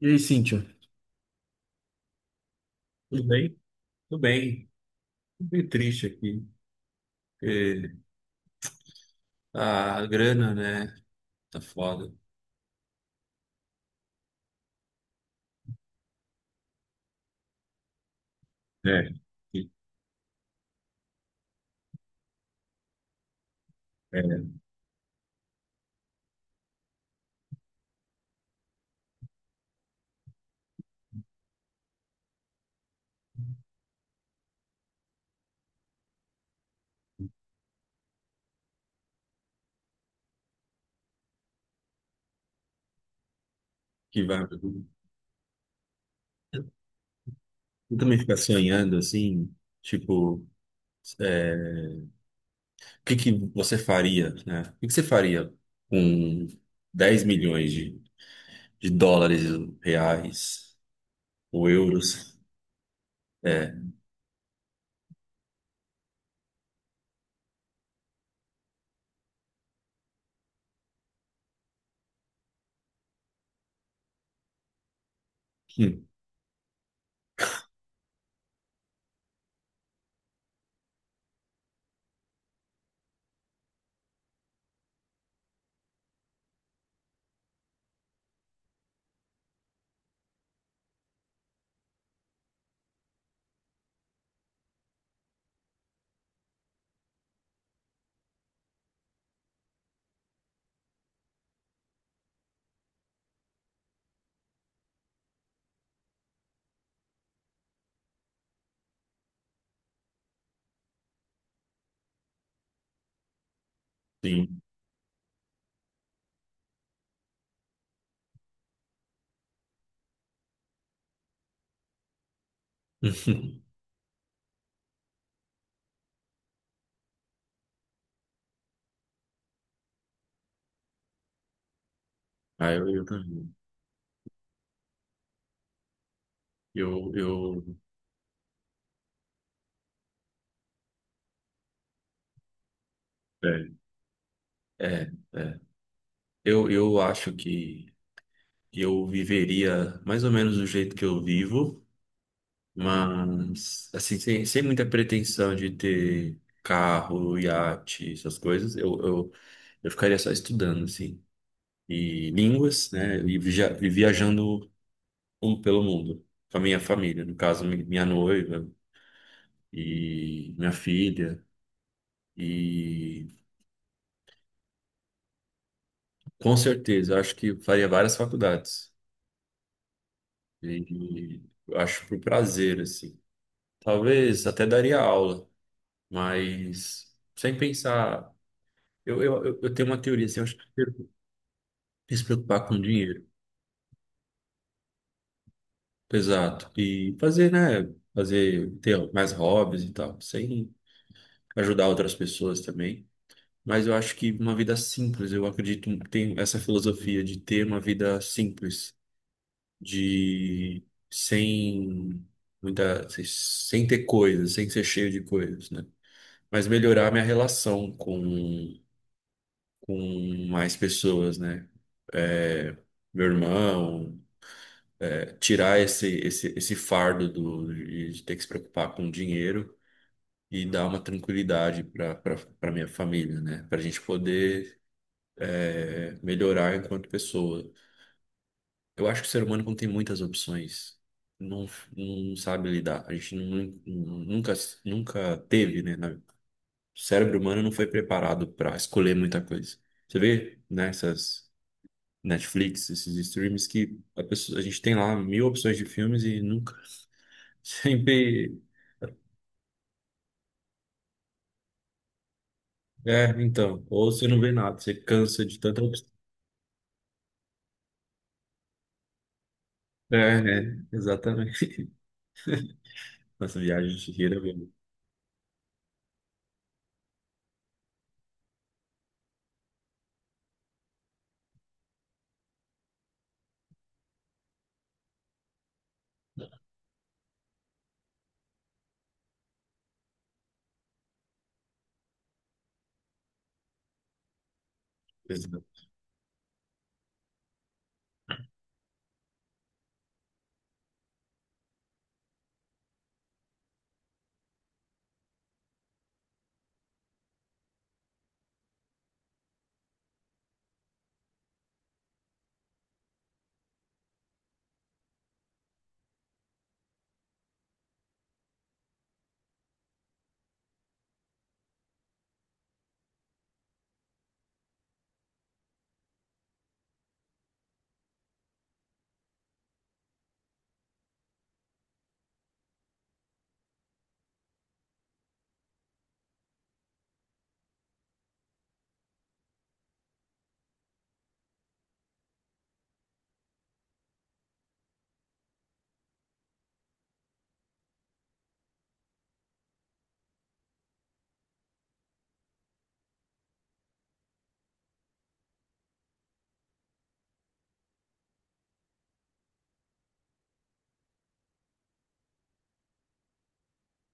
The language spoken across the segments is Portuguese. E aí, Cíntia? Tudo bem? Tudo bem. Tô meio triste aqui, porque a grana, né? Tá foda. É. Que, é, que vai. Eu também ficar sonhando assim, tipo, o que você faria, né? O que você faria com 10 milhões de dólares, reais ou euros? É. Hum, Sim. Ah, eu também. Eu, eu, é, é. É. Eu acho que eu viveria mais ou menos do jeito que eu vivo, mas assim, sem, sem muita pretensão de ter carro, iate, essas coisas, eu ficaria só estudando, assim, e línguas, né, e e viajando pelo mundo, com a minha família, no caso, minha noiva e minha filha, e com certeza, eu acho que faria várias faculdades, e eu acho por prazer, assim. Talvez até daria aula. Mas sem pensar. Eu tenho uma teoria assim, eu acho que primeiro se preocupar com dinheiro. Exato. E fazer, né? Fazer, ter mais hobbies e tal, sem ajudar outras pessoas também. Mas eu acho que uma vida simples, eu acredito, tem essa filosofia de ter uma vida simples, de sem muita, sem ter coisas, sem ser cheio de coisas, né? Mas melhorar minha relação com mais pessoas, né? É, meu irmão, é, tirar esse fardo do, de ter que se preocupar com dinheiro e dar uma tranquilidade para para minha família, né? Para a gente poder é, melhorar enquanto pessoa. Eu acho que o ser humano não tem muitas opções. Não, não sabe lidar. A gente nunca teve, né? O cérebro humano não foi preparado para escolher muita coisa. Você vê, né? Netflix, esses streams que a gente tem lá mil opções de filmes e nunca, sempre, é, então, ou você não vê nada, você cansa de tanta opção. Exatamente. Nossa viagem de Chihiro, mesmo. Exato.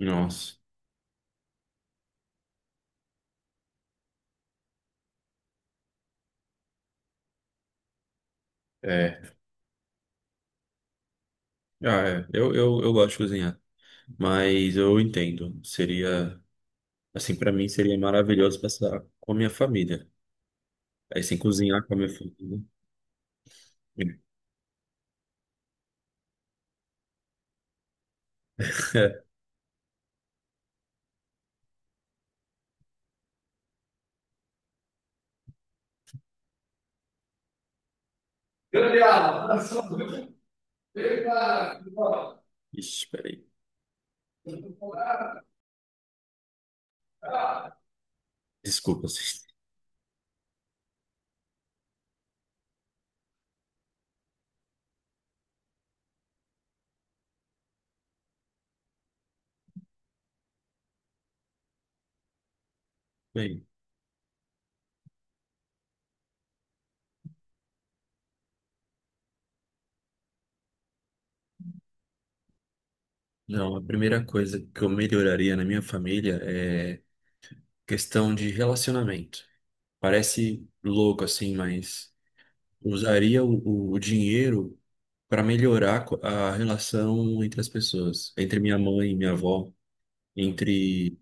Nossa, é. Ah, é. Eu gosto de cozinhar, mas eu entendo. Seria, assim, pra mim seria maravilhoso passar com a minha família. Aí, sem cozinhar com a minha família. Grande abraço. Ixi, peraí. Desculpa, vocês. Bem, não, a primeira coisa que eu melhoraria na minha família é questão de relacionamento. Parece louco assim, mas usaria o dinheiro para melhorar a relação entre as pessoas, entre minha mãe e minha avó, entre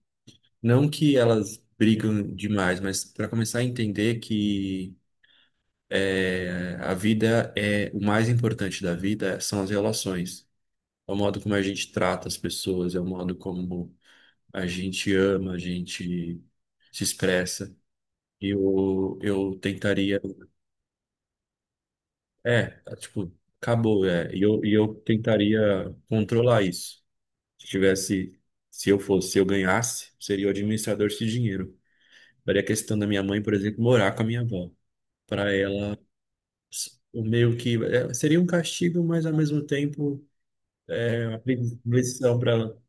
não que elas brigam demais, mas para começar a entender que é, a vida é o mais importante da vida são as relações. É o modo como a gente trata as pessoas, é o modo como a gente ama, a gente se expressa. Eu tentaria. É, tá, tipo, acabou, é. E eu tentaria controlar isso. Se tivesse, se eu fosse, se eu ganhasse, seria o administrador desse dinheiro. Daria a questão da minha mãe, por exemplo, morar com a minha avó. Para ela, o meio que. É, seria um castigo, mas ao mesmo tempo, é uma lição para ela.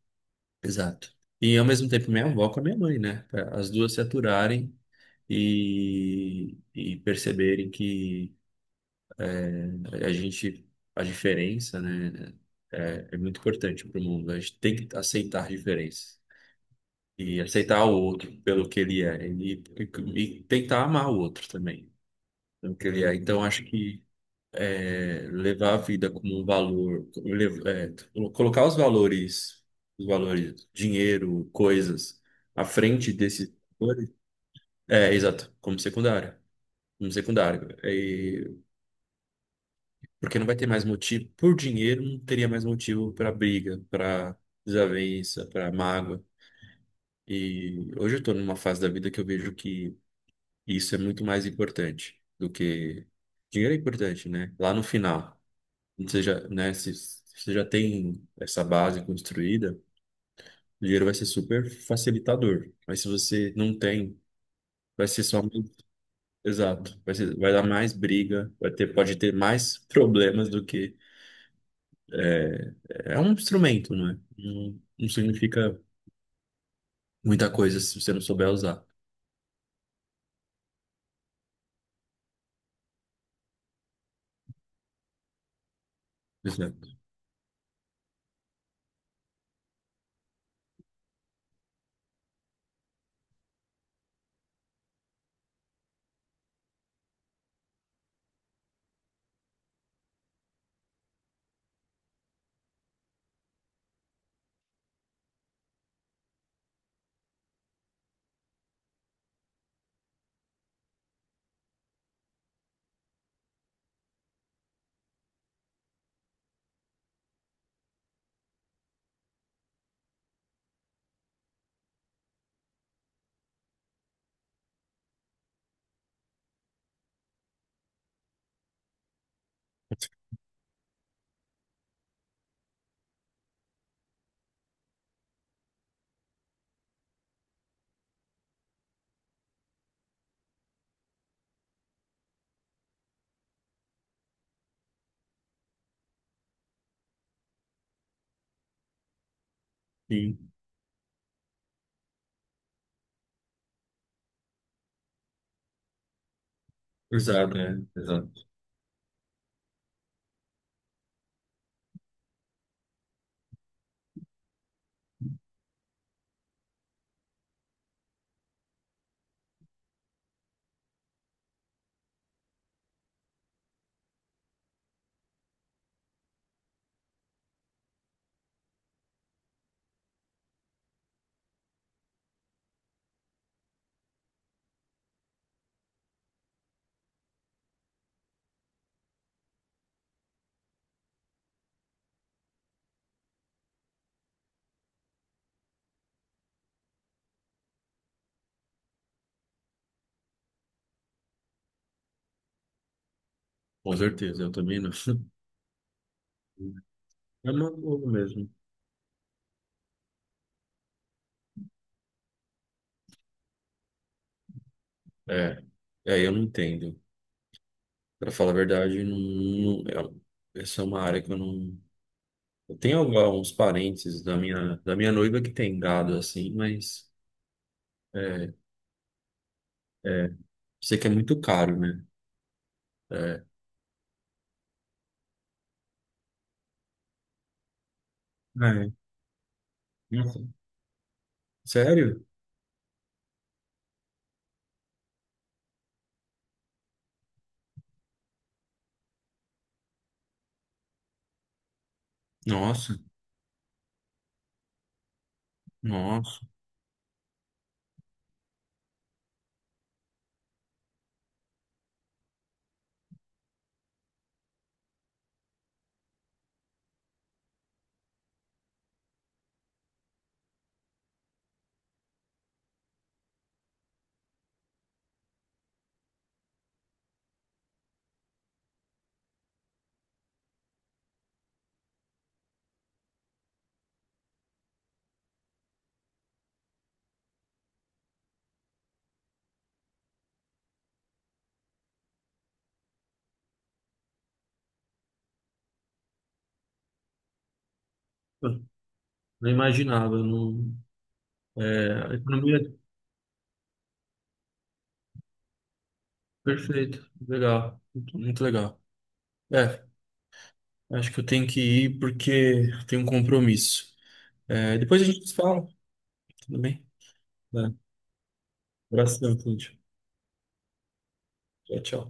Exato. E ao mesmo tempo minha avó com a minha mãe, né? Pra as duas se aturarem e perceberem que a gente, a diferença, né, é, é muito importante para o mundo. A gente tem que aceitar a diferença e aceitar o outro pelo que ele é e, e tentar amar o outro também pelo que ele é. Então acho que é, levar a vida como um valor, lev- é, colocar os valores, dinheiro, coisas, à frente desses valores, é, exato, como secundário, E- porque não vai ter mais motivo, por dinheiro não teria mais motivo para briga, para desavença, para mágoa, e hoje eu estou numa fase da vida que eu vejo que isso é muito mais importante do que, dinheiro é importante, né, lá no final, você já, né, se você já tem essa base construída, o dinheiro vai ser super facilitador. Mas se você não tem, vai ser só mais- exato, vai ser, vai dar mais briga, vai ter, pode ter mais problemas do que é, é um instrumento, não é? Não, não significa muita coisa se você não souber usar. Exato. Sim. Exato, é, exato. Com certeza, eu também não. É uma boa mesmo. É, eu não entendo. Pra falar a verdade, não, não- é- essa é uma área que eu não. Eu tenho alguns parentes da minha noiva que tem gado assim, mas é, é, sei que é muito caro, né? É. É. Nossa. Sério? Nossa, nossa. Eu não imaginava, eu não. É, a economia é perfeita, legal, muito, muito legal. É, acho que eu tenho que ir porque eu tenho um compromisso. É, depois a gente se fala, tudo bem? É, abração, Cláudio. Tchau, tchau.